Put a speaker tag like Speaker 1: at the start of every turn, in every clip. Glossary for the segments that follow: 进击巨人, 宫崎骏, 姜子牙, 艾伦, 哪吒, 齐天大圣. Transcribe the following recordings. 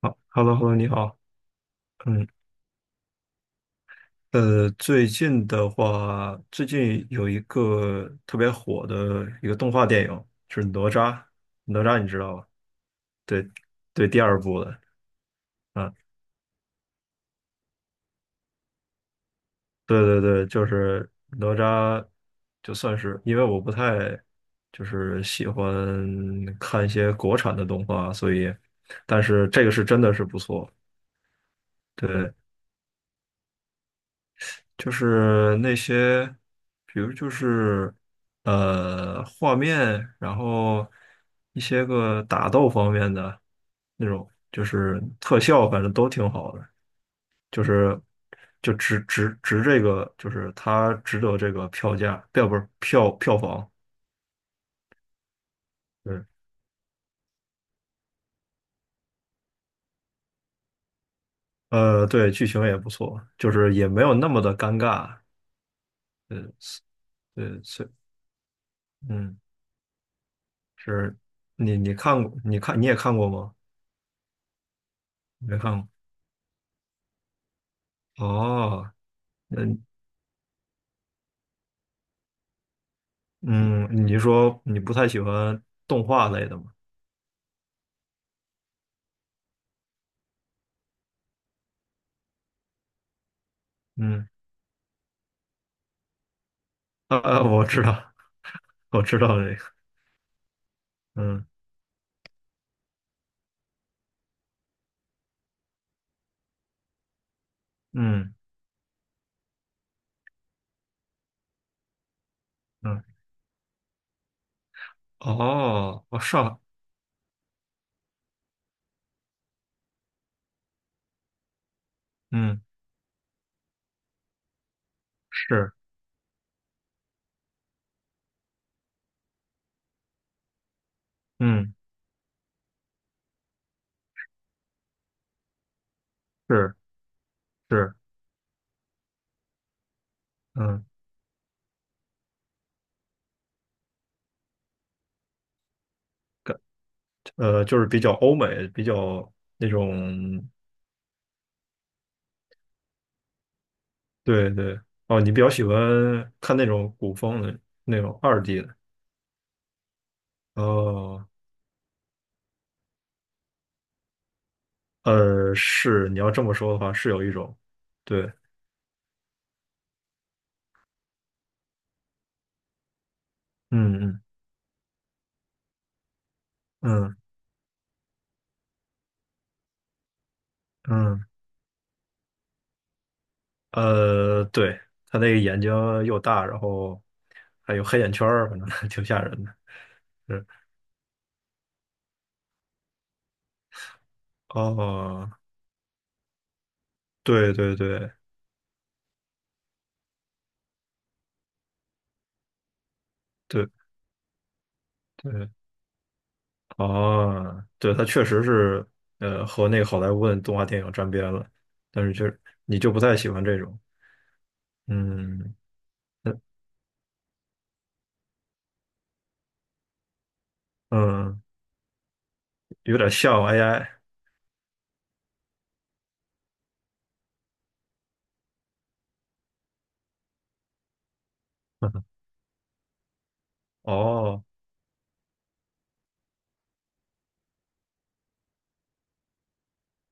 Speaker 1: 好，Hello，Hello，你好。嗯，最近的话，最近有一个特别火的一个动画电影，就是哪吒。哪吒你知道吧？对，对，第二部的。啊，对对对，就是哪吒，就算是因为我不太就是喜欢看一些国产的动画，所以，但是这个是真的是不错。对，就是那些，比如就是画面，然后一些个打斗方面的那种，就是特效，反正都挺好的，就是就值这个，就是它值得这个票价，票不是票房，对，对，剧情也不错，就是也没有那么的尴尬，呃对是嗯是，你也看过吗？没看过哦。嗯。嗯，你说你不太喜欢动画类的吗？嗯，啊啊，我知道，我知道这个。嗯嗯嗯，哦，哦，嗯是，嗯是是，嗯，感就是比较欧美，比较那种，对对，哦，你比较喜欢看那种古风的那种二 D 的，哦，是，你要这么说的话，是有一种，对，嗯嗯嗯嗯。对，他那个眼睛又大，然后还有黑眼圈儿，反正 挺吓人的。是，哦，对对对对对，哦，对，他确实是，和那个好莱坞的动画电影沾边了，但是就是你就不太喜欢这种，嗯嗯，嗯有点像 AI，哦，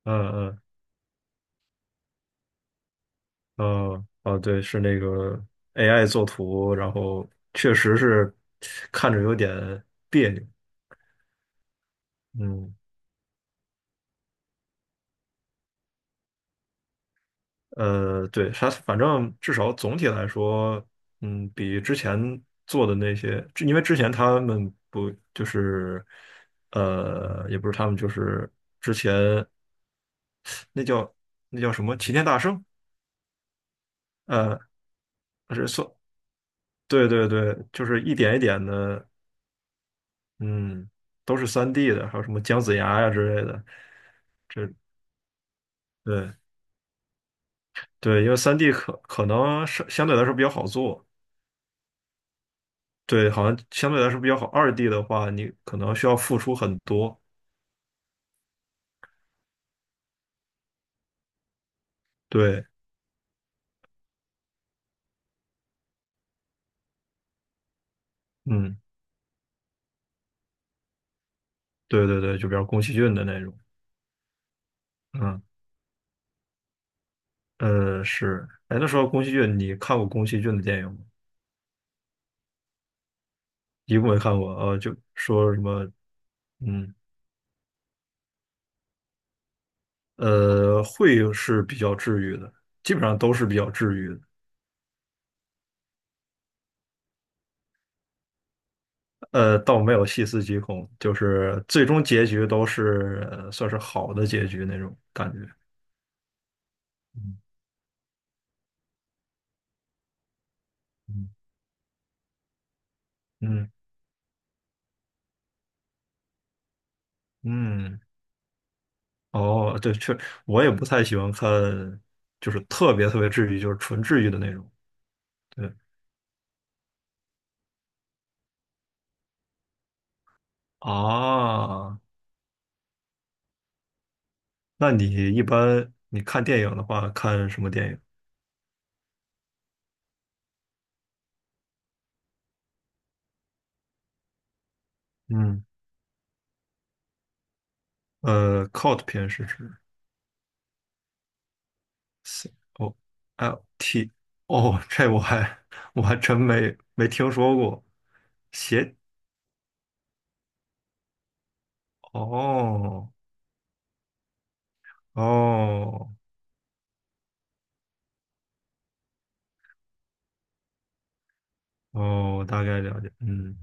Speaker 1: 嗯嗯哦哦，对，是那个 AI 作图，然后确实是看着有点别扭。嗯，对，啥，反正至少总体来说，嗯，比之前做的那些，因为之前他们不就是，也不是他们，就是那叫那叫什么齐天大圣，呃，是算，对对对，就是一点一点的，嗯，都是三 d 的，还有什么姜子牙呀之类的，这对对，因为三 d 可能是相对来说比较好做。对，好像相对来说比较好。二 D 的话，你可能需要付出很多，对，嗯，对对对，就比如宫崎骏的那种，嗯，是，哎，那时候宫崎骏，你看过宫崎骏的电影吗？一部没看过，就说什么，嗯，会是比较治愈的，基本上都是比较治愈的，倒没有细思极恐，就是最终结局都是，算是好的结局那种感觉。嗯嗯嗯嗯，哦，对，我也不太喜欢看，就是特别特别治愈，就是纯治愈的那种。对啊，那你一般你看电影的话，看什么电影？嗯，cult 片是指 COLT 哦，这我还真没听说过。邪哦哦哦，我大概了解，嗯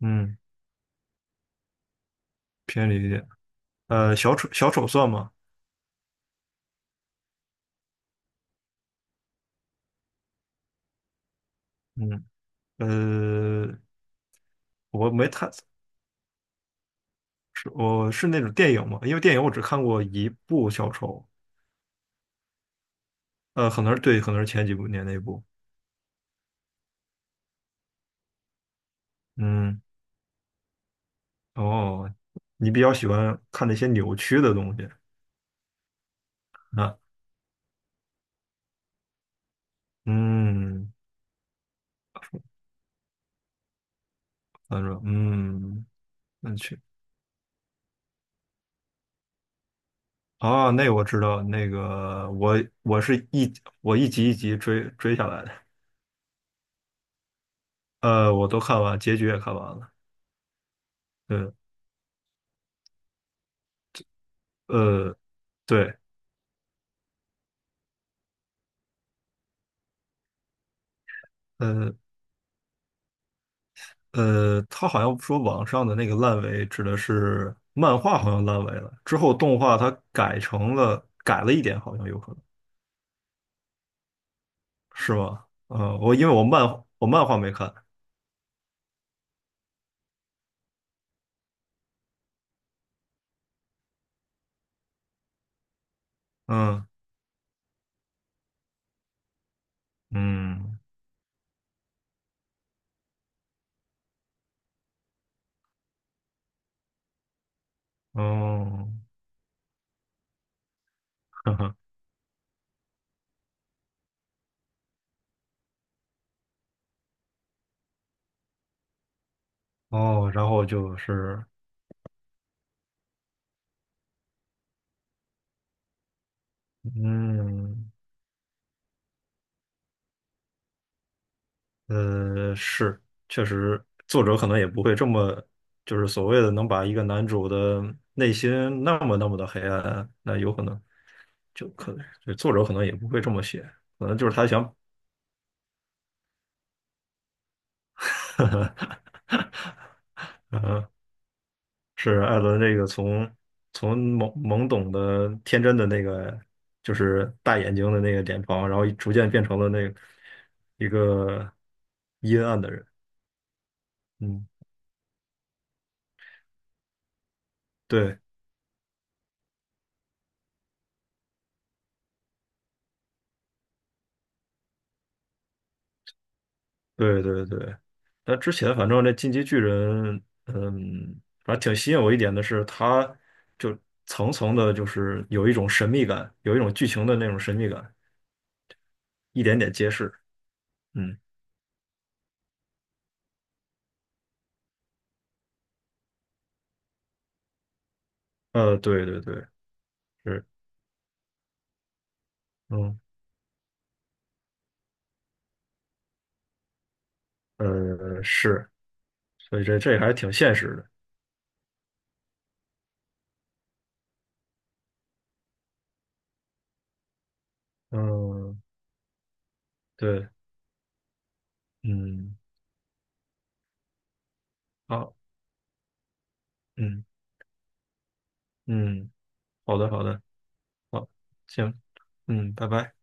Speaker 1: 嗯，偏理解。小丑算吗？嗯呃，我没太是我是那种电影嘛，因为电影我只看过一部小丑，可能是对，可能是前几年那一部。嗯，哦，你比较喜欢看那些扭曲的东西啊？嗯，他说，嗯，那去哦，那我知道，那个我是一我一集一集追下来的，我都看完，结局也看完了。对，呃，对，呃他好像说网上的那个烂尾指的是漫画，好像烂尾了，之后动画它改了一点，好像有可能。是吗？嗯，我因为我漫画没看，嗯嗯哦，呵呵哦，然后就是嗯是，确实作者可能也不会这么就是所谓的能把一个男主的内心那么那么的黑暗，那有可能就可就作者可能也不会这么写，可能就是他想，呵呵是艾伦这个从懵懵懂的天真的那个，就是大眼睛的那个脸庞，然后逐渐变成了一个阴暗的人。嗯，对对对对。那之前反正那进击巨人，嗯，反正挺吸引我一点的是，他就层层的，就是有一种神秘感，有一种剧情的那种神秘感，一点点揭示。嗯，对对对，是，嗯，是。所以这还是挺现实的。嗯，对，嗯，好，嗯嗯，好的好的，好，行，嗯，拜拜。